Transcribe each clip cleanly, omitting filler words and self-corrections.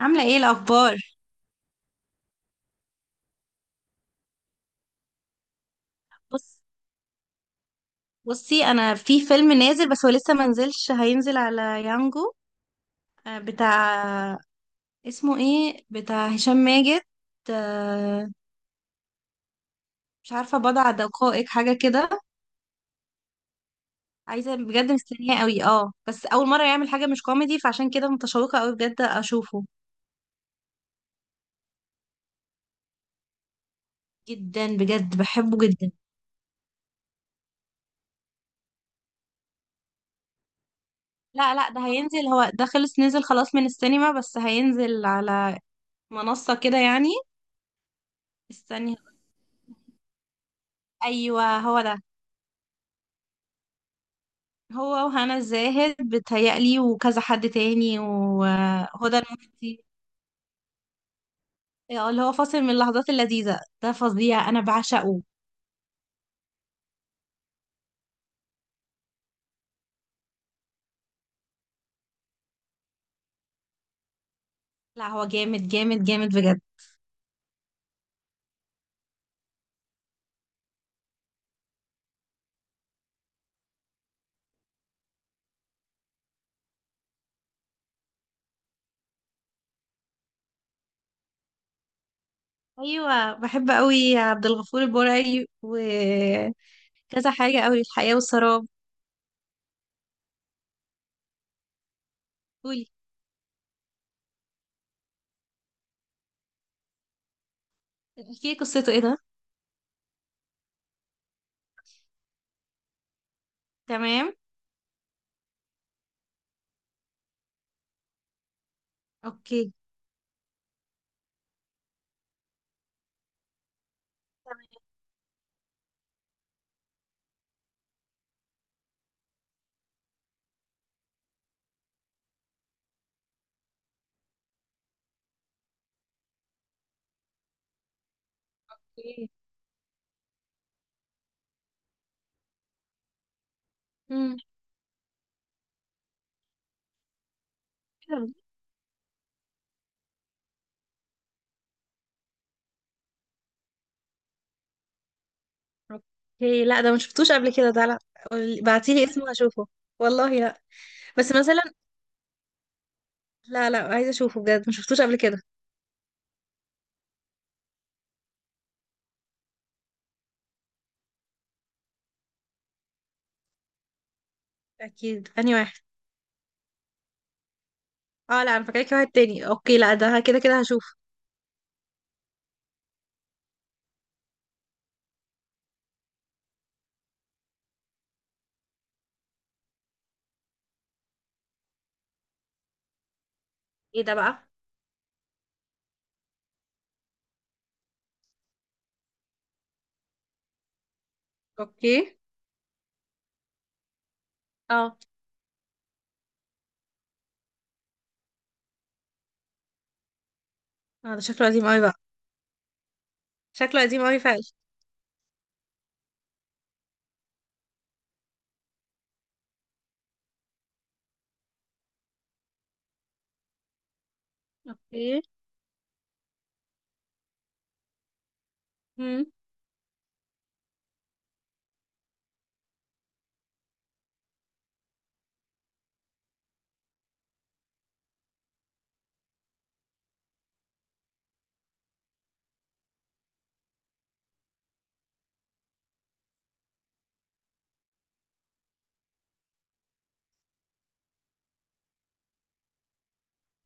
عاملة ايه الأخبار؟ بص بصي أنا في فيلم نازل، بس هو لسه منزلش، هينزل على يانجو. بتاع، اسمه ايه؟ بتاع هشام ماجد. آه، مش عارفة، بضع دقائق، حاجة كده. عايزة بجد، مستنية قوي، اه بس أول مرة يعمل حاجة مش كوميدي، فعشان كده متشوقة قوي بجد أشوفه. جدا، بجد بحبه جدا. لا لا، ده هينزل، هو ده خلص نزل خلاص من السينما، بس هينزل على منصة كده يعني. استني، ايوه هو ده. هو وهنا الزاهد بتهيألي، وكذا حد تاني، وهدى المفتي. اللي هو فاصل من اللحظات اللذيذة ده فظيع، أنا بعشقه. لا هو جامد جامد جامد بجد. أيوة، بحب قوي عبد الغفور البرعي وكذا حاجة قوي، الحياة والسراب. قولي، احكي لي قصته، ايه ده؟ تمام. اوكي. اوكي. مم. اوكي، لا ده ما شفتوش قبل كده، ده لا. بعتيلي اسمه هشوفه، والله لا. بس مثلا، لا لا، عايزة اشوفه بجد، ما شفتوش قبل كده. اكيد اني واحد. اه لا، انا فاكراكي واحد تاني، اوكي لا ده كده كده هشوف. ايه ده بقى؟ اوكي. اه اه. ده شكله قديم قوي بقى، شكله قديم قوي فعلا. اوكي. امم.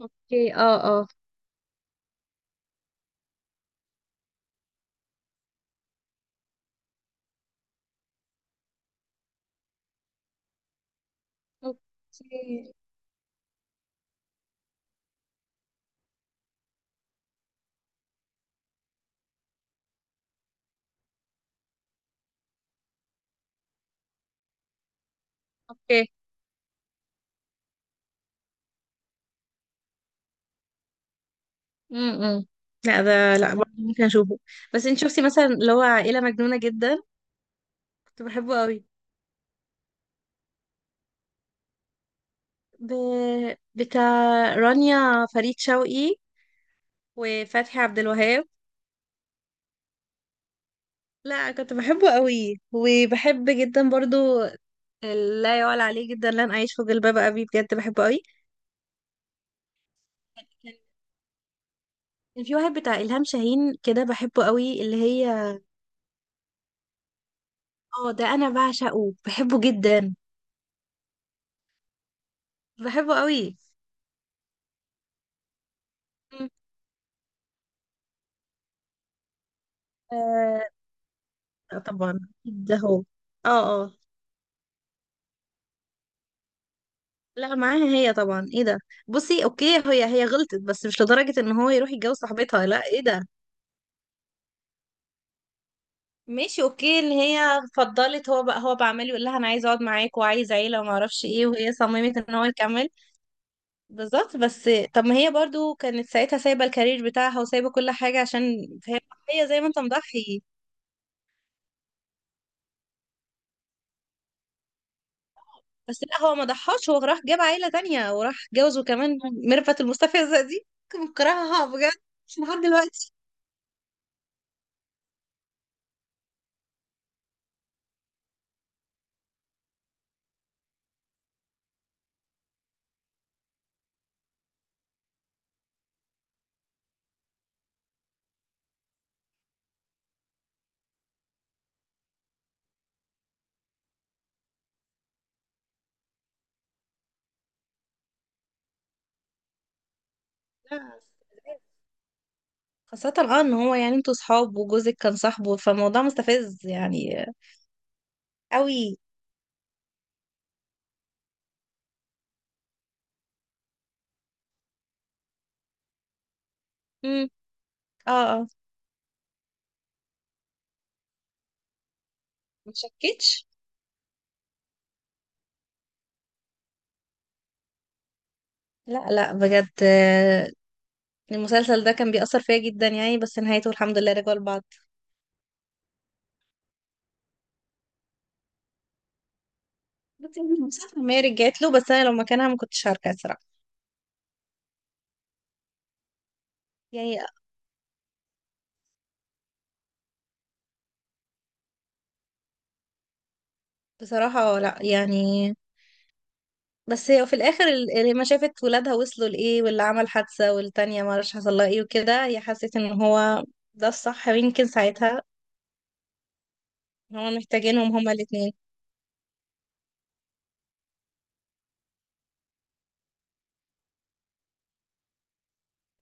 اوكي. اه اه. اوكي. اوكي. امم. لا ده لا، برضه ممكن اشوفه. بس انت شفتي مثلا اللي هو عائلة مجنونة جدا؟ كنت بحبه قوي. ب... بتاع رانيا فريد شوقي وفتحي عبد الوهاب. لا كنت بحبه قوي، وبحب جدا برضو. لا يعلى عليه جدا لن اعيش في جلباب ابي، بجد بحبه قوي. كان في واحد بتاع الهام شاهين كده بحبه قوي، اللي هي، اه ده انا بعشقه، بحبه جدا. بحبه قوي. مم. آه. طبعا. ده هو. اه اه. لا معاها هي طبعا، ايه ده. بصي اوكي، هي غلطت، بس مش لدرجة ان هو يروح يتجوز صاحبتها، لا ايه ده. ماشي اوكي، ان هي فضلت، هو بعمل يقول لها انا عايز اقعد معاك وعايز عيلة وما اعرفش ايه، وهي صممت ان هو يكمل. بالظبط، بس طب ما هي برضو كانت ساعتها سايبة الكارير بتاعها وسايبة كل حاجة عشان، فهي، هي زي ما انت مضحي. بس لا هو ما ضحاش، هو راح جاب عيلة تانية، وراح جوزه كمان ميرفت المستفزة دي. كنت مكرهها بجد لحد دلوقتي. لا، خاصة اه ان هو، يعني انتوا صحاب وجوزك كان صاحبه، فالموضوع مستفز يعني، قوي. امم. اه اه. ما شكتش. لا لا بجد. المسلسل ده كان بيأثر فيا جدا يعني، بس نهايته الحمد لله رجعوا لبعض. بصي انا مش عارفه، ما هي رجعت له، بس انا لو مكانها ما كنتش هرجع صراحه. يعني بصراحه لا يعني. بس هي في الاخر لما شافت ولادها وصلوا لايه، واللي عمل حادثه، والتانيه ما اعرفش حصل لها ايه وكده، هي حست ان هو ده الصح، ويمكن ساعتها هما محتاجينهم هما الاثنين.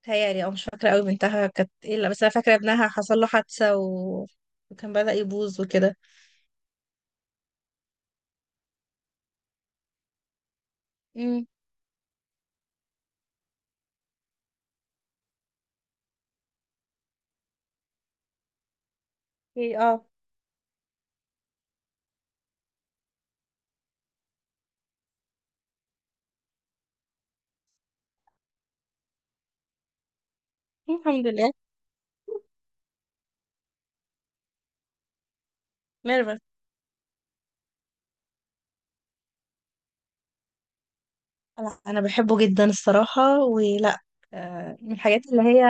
تهيألي، او مش فاكره قوي بنتها كانت ايه، لا بس انا فاكره ابنها حصل له حادثه و... وكان بدأ يبوظ وكده. امم. ايه. اه. الحمد لله. ميرفت. انا بحبه جدا الصراحه، ولا من الحاجات اللي هي.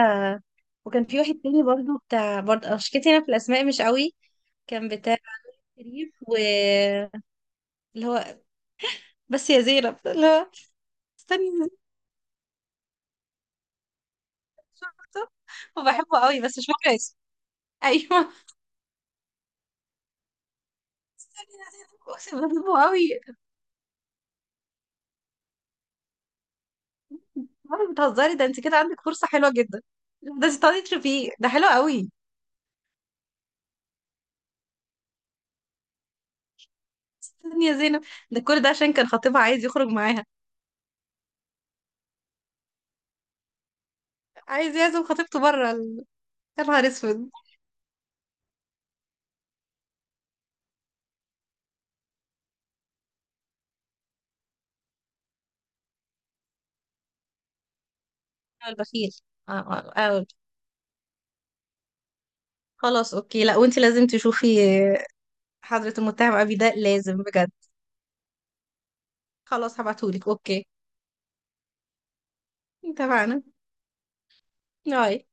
وكان في واحد تاني برضو بتاع، برضه شكيتي انا في الاسماء مش قوي. كان بتاع شريف و، اللي هو، بس يا زينب، اللي هو، استني يا زينب. وبحبه قوي بس مش فاكره اسمه. ايوه. استني يا زينب، اقسم بالله بحبه قوي. مرة بتهزري، ده انت كده عندك فرصه حلوه جدا، ده انت تقعدي فيه، ده حلو قوي. استني يا زينب، ده كل ده عشان كان خطيبها عايز يخرج معاها، عايز يعزم خطيبته بره يا نهار اسود. هو البخيل. آه، آه، آه. خلاص اوكي، لا وانت لازم تشوفي حضرة المتهم أبي، ده لازم بجد. خلاص هبعتهولك، اوكي. اتفقنا. باي.